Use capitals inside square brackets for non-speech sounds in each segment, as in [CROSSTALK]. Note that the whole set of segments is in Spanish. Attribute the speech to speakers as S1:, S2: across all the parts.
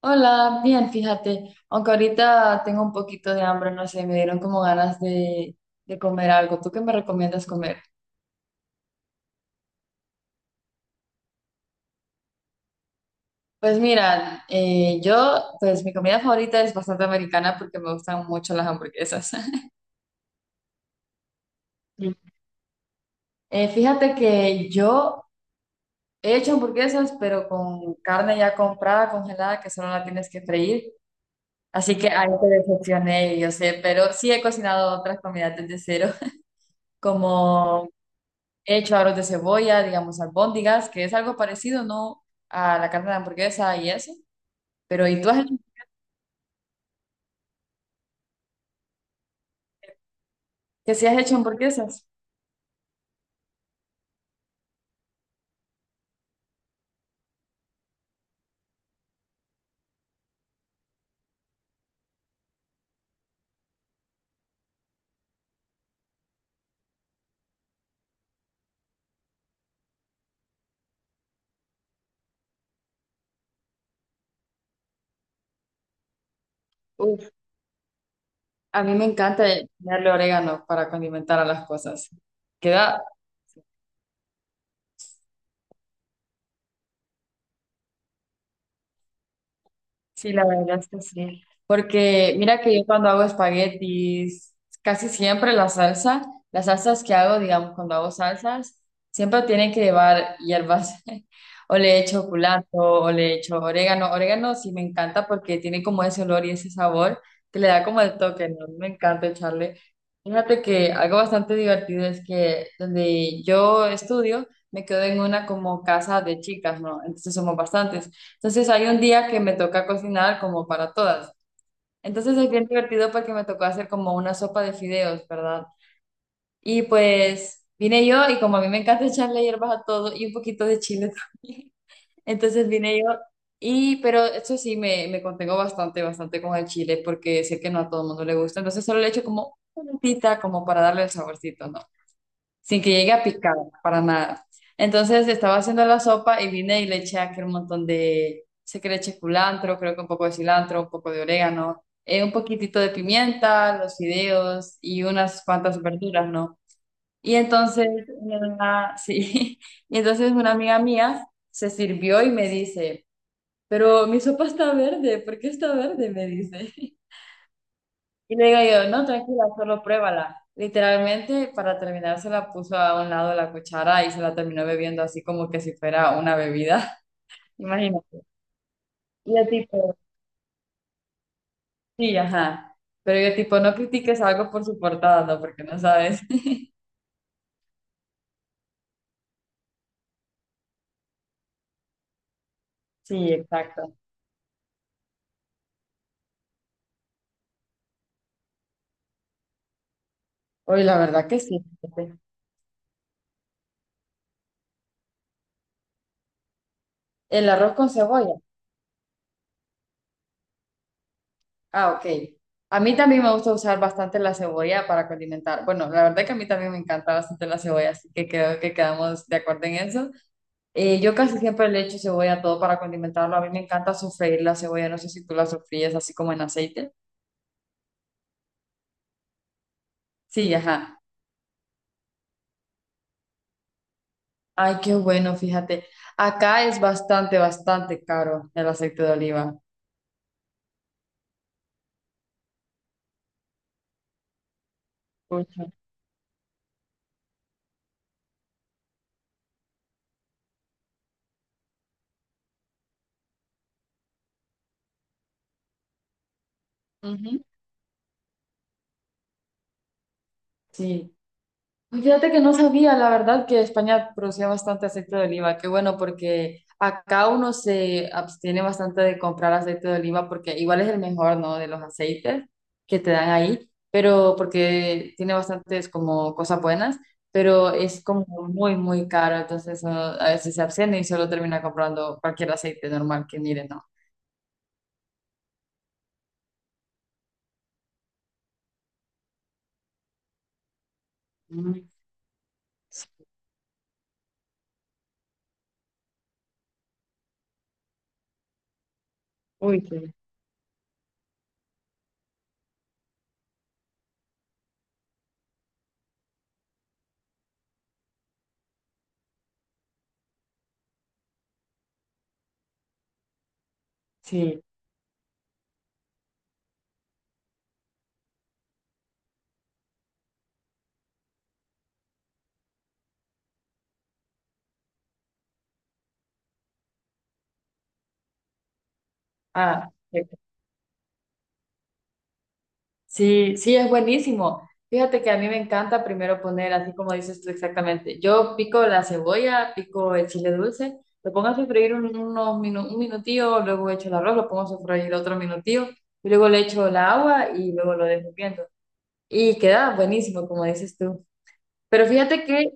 S1: Hola, bien, fíjate, aunque ahorita tengo un poquito de hambre, no sé, me dieron como ganas de comer algo. ¿Tú qué me recomiendas comer? Pues mira, yo, pues mi comida favorita es bastante americana porque me gustan mucho las hamburguesas. [LAUGHS] Mm. Fíjate que yo he hecho hamburguesas, pero con carne ya comprada, congelada, que solo la tienes que freír. Así que ahí te decepcioné, yo sé, pero sí he cocinado otras comidas desde cero, [LAUGHS] como he hecho aros de cebolla, digamos, albóndigas, que es algo parecido, ¿no? A la carne de hamburguesa y eso. Pero, ¿y tú has, que si has hecho hamburguesas? Uf, a mí me encanta ponerle orégano para condimentar a las cosas. Queda, sí, la verdad es que sí. Porque mira que yo cuando hago espaguetis, casi siempre la salsa, las salsas que hago, digamos, cuando hago salsas, siempre tienen que llevar hierbas. [LAUGHS] O le echo culantro, o le echo orégano. Orégano sí me encanta porque tiene como ese olor y ese sabor que le da como el toque, ¿no? Me encanta echarle. Fíjate que algo bastante divertido es que donde yo estudio, me quedo en una como casa de chicas, ¿no? Entonces somos bastantes. Entonces hay un día que me toca cocinar como para todas. Entonces es bien divertido porque me tocó hacer como una sopa de fideos, ¿verdad? Y pues vine yo y como a mí me encanta echarle hierbas a todo y un poquito de chile también. [LAUGHS] Entonces vine yo y, pero eso sí, me contengo bastante, bastante con el chile porque sé que no a todo el mundo le gusta. Entonces solo le echo como una puntita como para darle el saborcito, ¿no? Sin que llegue a picar, para nada. Entonces estaba haciendo la sopa y vine y le eché aquel montón de, sé que le eché culantro, creo que un poco de cilantro, un poco de orégano, un poquitito de pimienta, los fideos y unas cuantas verduras, ¿no? Y entonces, sí, [LAUGHS] y entonces una amiga mía se sirvió y me dice, pero mi sopa está verde, ¿por qué está verde? Me dice. Y le digo yo, no, tranquila, solo pruébala. Literalmente, para terminar, se la puso a un lado de la cuchara y se la terminó bebiendo así como que si fuera una bebida. [LAUGHS] Imagínate. Y yo tipo, sí, ajá. Pero yo tipo, no critiques algo por su portada, no, porque no sabes. [LAUGHS] Sí, exacto. Oye, la verdad que sí. Fíjate. El arroz con cebolla. Ah, ok. A mí también me gusta usar bastante la cebolla para condimentar. Bueno, la verdad que a mí también me encanta bastante la cebolla, así que creo que quedamos de acuerdo en eso. Yo casi siempre le echo cebolla a todo para condimentarlo. A mí me encanta sofreír la cebolla. No sé si tú la sofríes así como en aceite. Sí, ajá. Ay, qué bueno, fíjate. Acá es bastante, bastante caro el aceite de oliva. Ujú. Ujú. Sí. Fíjate que no sabía, la verdad, que España producía bastante aceite de oliva. Qué bueno, porque acá uno se abstiene bastante de comprar aceite de oliva porque igual es el mejor, ¿no? De los aceites que te dan ahí, pero porque tiene bastantes como cosas buenas, pero es como muy, muy caro. Entonces uno a veces se abstiene y solo termina comprando. Sí, sí, es buenísimo. Fíjate que a mí me encanta primero poner, así como dices tú exactamente, yo pico la cebolla, pico el chile dulce, lo pongo a sofreír unos un minutillo, luego echo el arroz, lo pongo a sofreír otro minutillo, y luego le echo el agua y luego lo dejo hirviendo. Y queda buenísimo, como dices tú. Pero fíjate que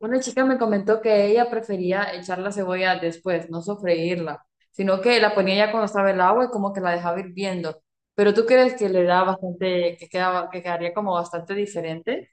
S1: una chica me comentó que ella prefería echar la cebolla después, no sofreírla, sino que la ponía ya cuando estaba el agua y como que la dejaba hirviendo. ¿Pero tú crees que le da bastante, que quedaba, que quedaría como bastante diferente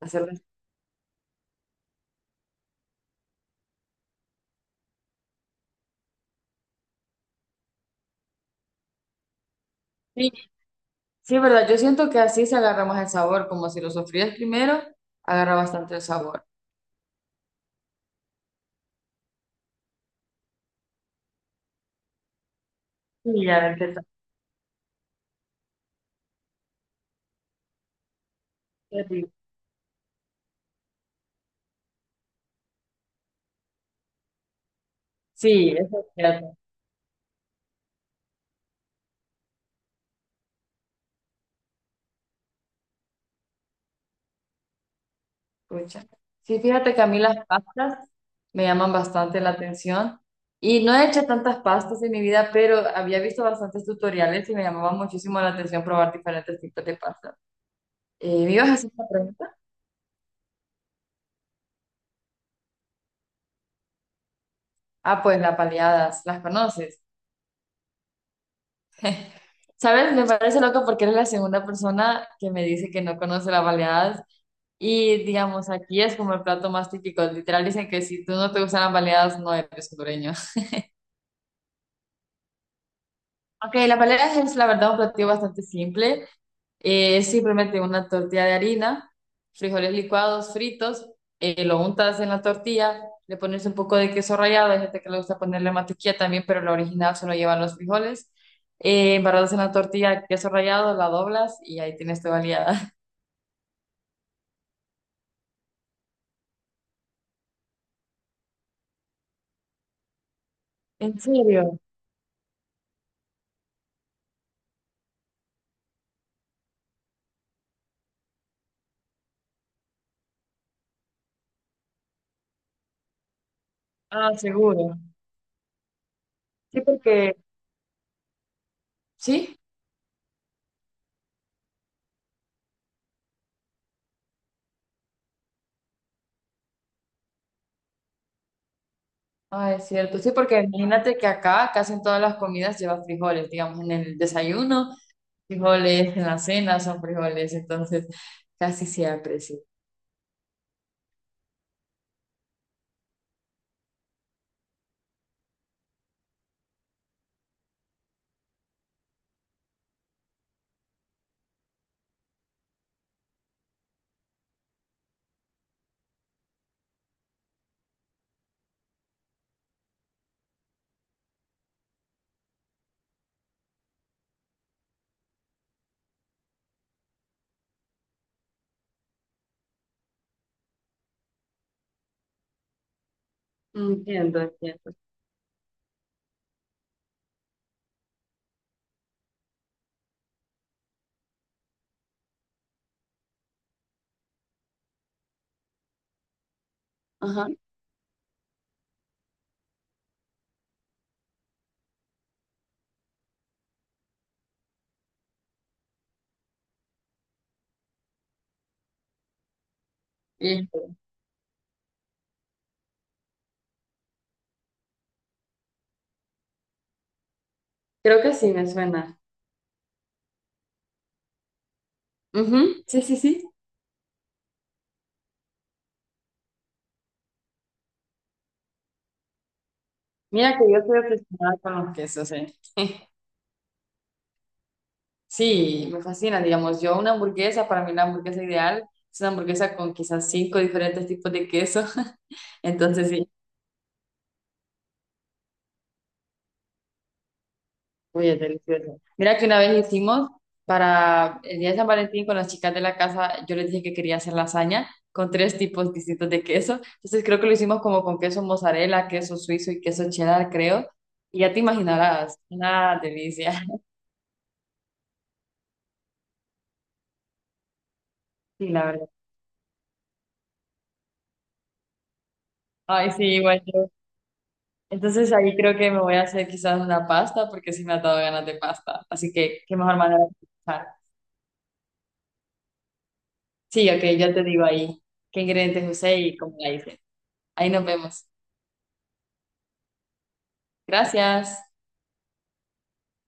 S1: hacerlo así? Sí, sí, ¿verdad? Yo siento que así se agarra más el sabor, como si lo sofrías primero, agarra bastante el sabor. Sí, ya, qué tal, qué rico. Sí, eso es cierto. Pucha. Sí, fíjate que a mí las pastas me llaman bastante la atención y no he hecho tantas pastas en mi vida, pero había visto bastantes tutoriales y me llamaba muchísimo la atención probar diferentes tipos de pastas. ¿Me ibas a hacer una pregunta? Ah, pues las baleadas, ¿las conoces? ¿Sabes? Me parece loco porque eres la segunda persona que me dice que no conoce las baleadas y digamos, aquí es como el plato más típico. Literal dicen que si tú no te gustan las baleadas no eres hondureño. Ok, las baleadas es la verdad un platillo bastante simple. Simplemente una tortilla de harina, frijoles licuados, fritos, lo untas en la tortilla, le pones un poco de queso rallado, hay gente que le gusta ponerle mantequilla también, pero la original solo llevan los frijoles. Embarrados en la tortilla, queso rallado, la doblas y ahí tienes tu baleada. [LAUGHS] ¿En serio? Ah, seguro. Sí, porque... Sí, ah, es cierto. Sí, porque imagínate que acá casi en todas las comidas lleva frijoles, digamos, en el desayuno, frijoles, en la cena son frijoles, entonces casi siempre, sí. Entiendo, entiendo. Ajá. Y creo que sí me suena. Ujú, sí, sí, sí. Mira que yo estoy obsesionada con los quesos, ¿eh? [LAUGHS] Sí, me fascina, digamos, yo una hamburguesa, para mí la hamburguesa ideal es una hamburguesa con quizás cinco diferentes tipos de queso. [LAUGHS] Entonces, sí, uy, es delicioso. Mira que una vez hicimos para el día de San Valentín con las chicas de la casa, yo les dije que quería hacer lasaña con tres tipos distintos de queso. Entonces creo que lo hicimos como con queso mozzarella, queso suizo y queso cheddar, creo. Y ya te imaginarás, una delicia. Sí, la verdad. Ay, sí, igual yo. Entonces ahí creo que me voy a hacer quizás una pasta porque sí me ha dado ganas de pasta. Así que qué mejor manera de empezar. Sí, ok, ya te digo ahí qué ingredientes usé y cómo la hice. Ahí nos vemos. Gracias.